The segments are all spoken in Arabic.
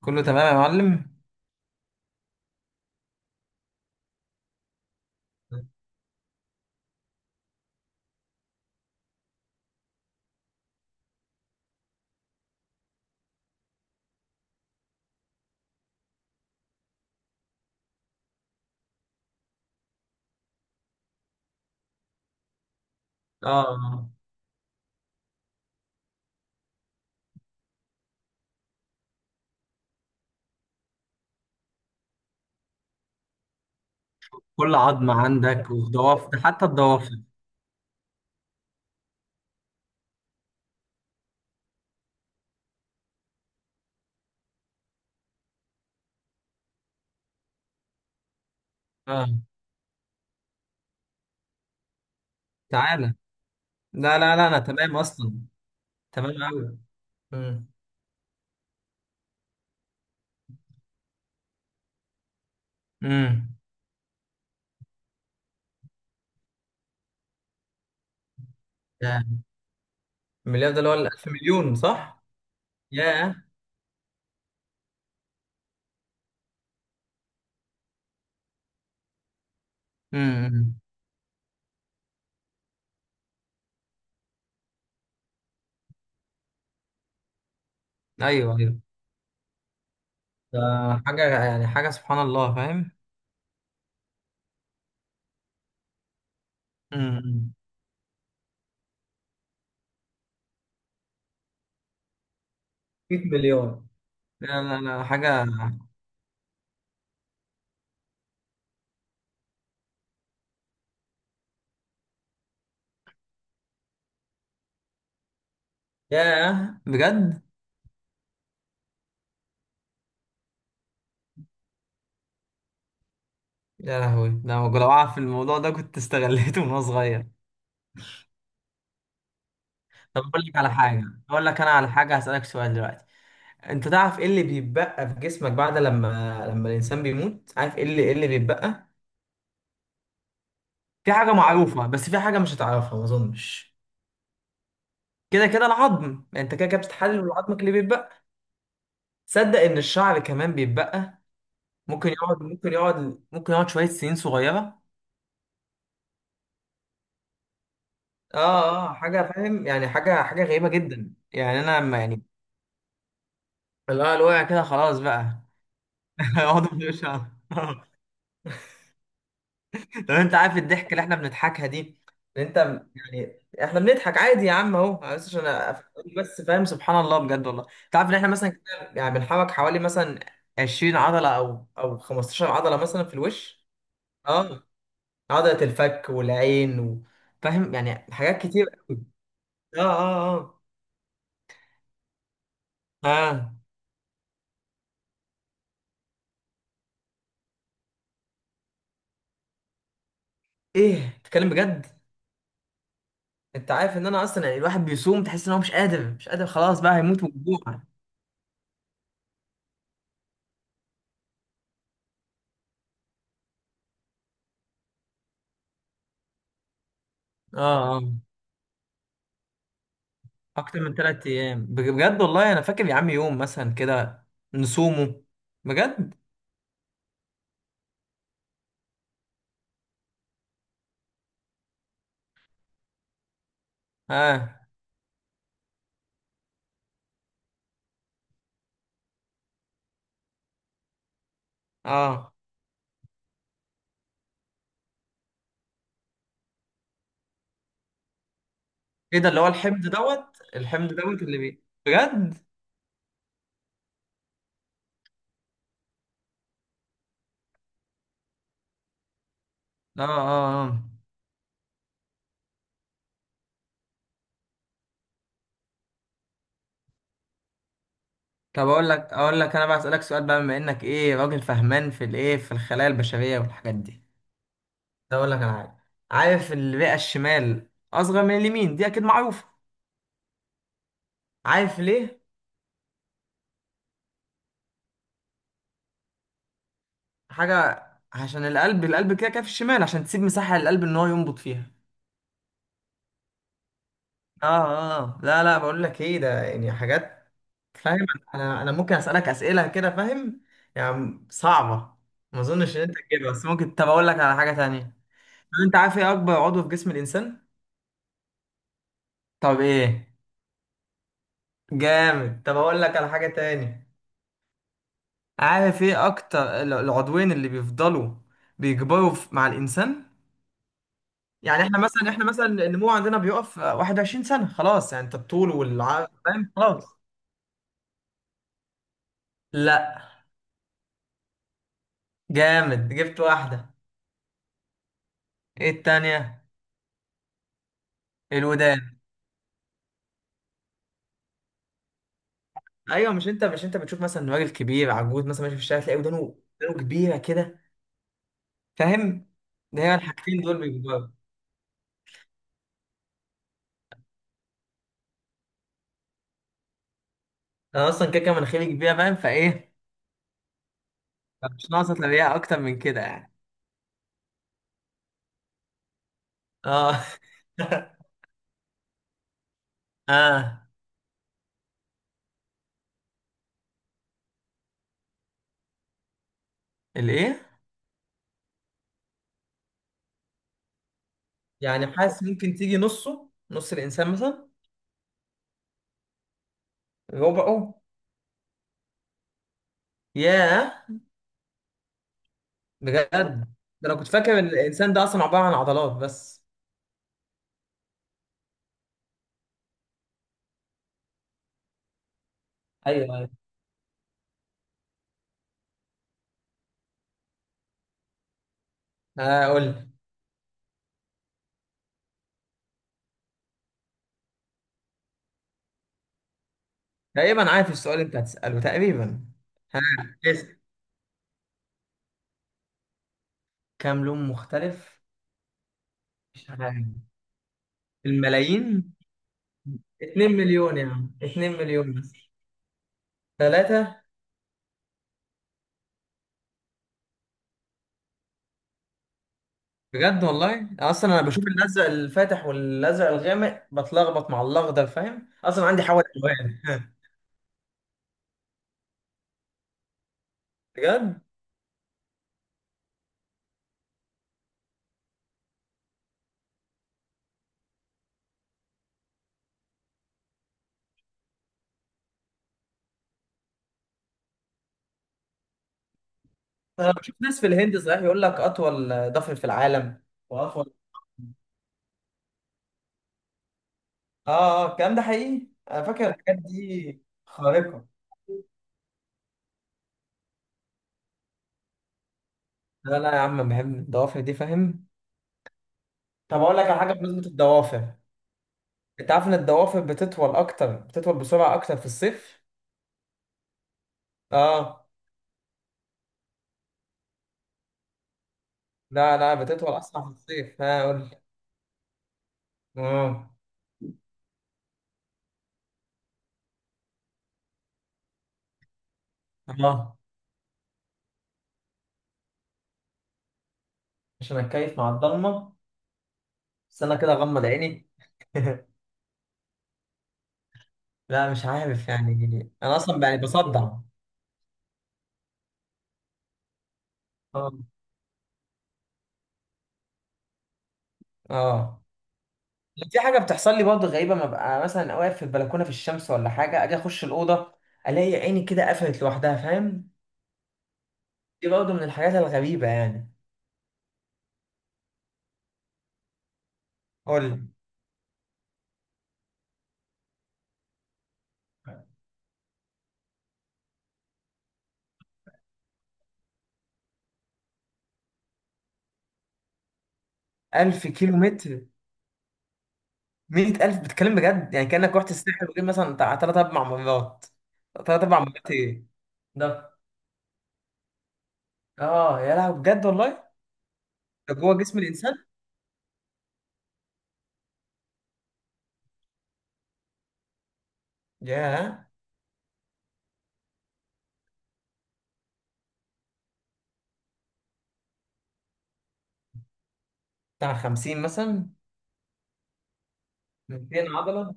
كله تمام يا معلم. اه، كل عظمة عندك وضوافر، حتى الضوافر. اه، تعالى. لا لا لا، انا تمام اصلا. تمام أوي. امم امم يا المليار ده اللي هو الالف مليون، صح؟ يا امم ايوه ايوه، ده حاجه، يعني حاجه سبحان الله فاهم. امم 100 مليون. لا لا لا حاجه. يا بجد. يا لهوي، ده أنا لو اعرف الموضوع ده كنت استغليته من وانا صغير. طب اقول لك على حاجه. اقول لك انا على حاجه، هسالك سؤال دلوقتي. انت تعرف ايه اللي بيتبقى في جسمك بعد لما الانسان بيموت؟ عارف ايه اللي بيتبقى؟ في حاجه معروفه، بس في حاجه مش هتعرفها ما اظنش. كده كده العظم، يعني انت كده كده بتتحلل، العظمك اللي بيتبقى. صدق ان الشعر كمان بيتبقى. ممكن يقعد ممكن يقعد ممكن يقعد شويه سنين صغيره. اه اه، حاجه فاهم، يعني حاجه غريبه جدا، يعني انا لما يعني. اللي هو الوقع كده خلاص بقى. اقعد مش عارف. لو انت عارف الضحك اللي احنا بنضحكها دي، ان انت، يعني احنا بنضحك عادي يا عم اهو، بس عشان أفهمك بس فاهم. سبحان الله بجد والله. انت عارف ان احنا مثلا كده يعني بنحرك حوالي مثلا 20 عضله او 15 عضله مثلا في الوش. اه، عضله الفك والعين. و... فاهم يعني حاجات كتير قوي. اه اه اه اه، ايه بتتكلم بجد؟ انت عارف ان انا اصلا يعني الواحد بيصوم تحس ان هو مش قادر مش قادر، خلاص بقى هيموت من الجوع. اه اه، اكتر من ثلاث ايام بجد والله. انا فاكر يا عم يوم مثلا كده نصومه، بجد. اه اه، ايه ده؟ اللي هو الحمض دوت الحمض دوت اللي بي بجد. اه اه اه. طب اقول لك انا بقى اسالك سؤال بقى، بما انك ايه راجل فهمان في الايه في الخلايا البشريه والحاجات دي. ده اقول لك انا عارف. عارف الرئه الشمال اصغر من اليمين دي، اكيد معروفه. عارف ليه؟ حاجه، عشان القلب، القلب كده كده في الشمال، عشان تسيب مساحه للقلب ان هو ينبض فيها. اه اه، لا لا بقول لك ايه ده، يعني حاجات فاهم. انا ممكن اسالك اسئله كده فاهم، يعني صعبه. ما اظنش ان انت تجيبها، بس ممكن. طب اقول لك على حاجه تانية. طب انت عارف ايه اكبر عضو في جسم الانسان؟ طب ايه؟ جامد. طب اقول لك على حاجه تاني. عارف ايه اكتر العضوين اللي بيفضلوا بيكبروا مع الانسان؟ يعني احنا مثلا النمو عندنا بيقف 21 سنه خلاص. يعني انت الطول والعرض فاهم خلاص. لا. جامد، جبت واحده. ايه التانية؟ الودان. ايوه، مش انت بتشوف مثلا راجل كبير عجوز مثلا ماشي في الشارع تلاقي ودانه؟ ودانه كبيره كده. فاهم. ده هي الحاجتين دول بيكبروا. انا اصلا كده كده مناخيري كبيره فاهم فايه. مش ناقصه تلاقيها اكتر من كده يعني. اه. اه. الايه؟ يعني حاسس ممكن تيجي نصه نص الانسان مثلا. ربعه. ياه. بجد؟ ده انا كنت فاكر ان الانسان ده اصلا عباره عن عضلات بس. ايوه ايوه. آه، قول لي. تقريبا عارف السؤال اللي انت هتساله تقريبا. اسأل. كام لون مختلف؟ مش عارف. الملايين. 2 مليون يا عم، 2 مليون بس. ثلاثة. بجد والله، اصلا انا بشوف الازرق الفاتح والازرق الغامق بتلخبط مع الاخضر فاهم، اصلا عندي حوالي الوان. بجد، انا بشوف ناس في الهند صحيح يقول لك اطول ضفر في العالم، واطول. اه اه، الكلام ده حقيقي، انا فاكر الحاجات دي خارقة. لا لا يا عم، بحب الضوافر دي فاهم. طب اقول لك على حاجة بمناسبة الضوافر. انت عارف ان الضوافر بتطول بسرعة اكتر في الصيف. اه، لا لا، بتطول أصلا في الصيف. ها قول لي. اه اه، عشان أتكيف مع الضلمة. بس أنا كده أغمض عيني. لا مش عارف يعني، أنا أصلا يعني بصدع. اه اه، في حاجة بتحصل لي برضه غريبة، ما ببقى مثلا واقف في البلكونة في الشمس ولا حاجة، أجي أخش الأوضة، ألاقي عيني كده قفلت لوحدها فاهم. دي برضه من الحاجات الغريبة يعني. قول لي. ألف كيلو متر. مية ألف، بتتكلم بجد؟ يعني كأنك رحت الساحل وجيت مثلا بتاع تلات أربع مرات. تلات أربع مرات إيه؟ ده. آه يا لهوي، بجد والله. ده جوه جسم الإنسان؟ ياه. بتاع 50 مثلا. 200 عضلة.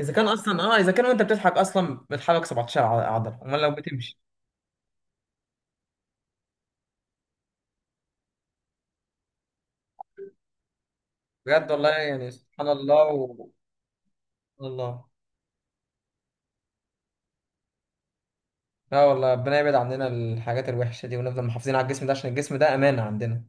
إذا كان أصلا إذا كان وأنت بتضحك أصلا بتحرك 17 عضلة، أمال لو بتمشي. بجد والله، يعني سبحان الله. و... الله. لا والله، ربنا يبعد عننا الحاجات الوحشة دي ونفضل محافظين على الجسم ده عشان الجسم ده أمانة عندنا.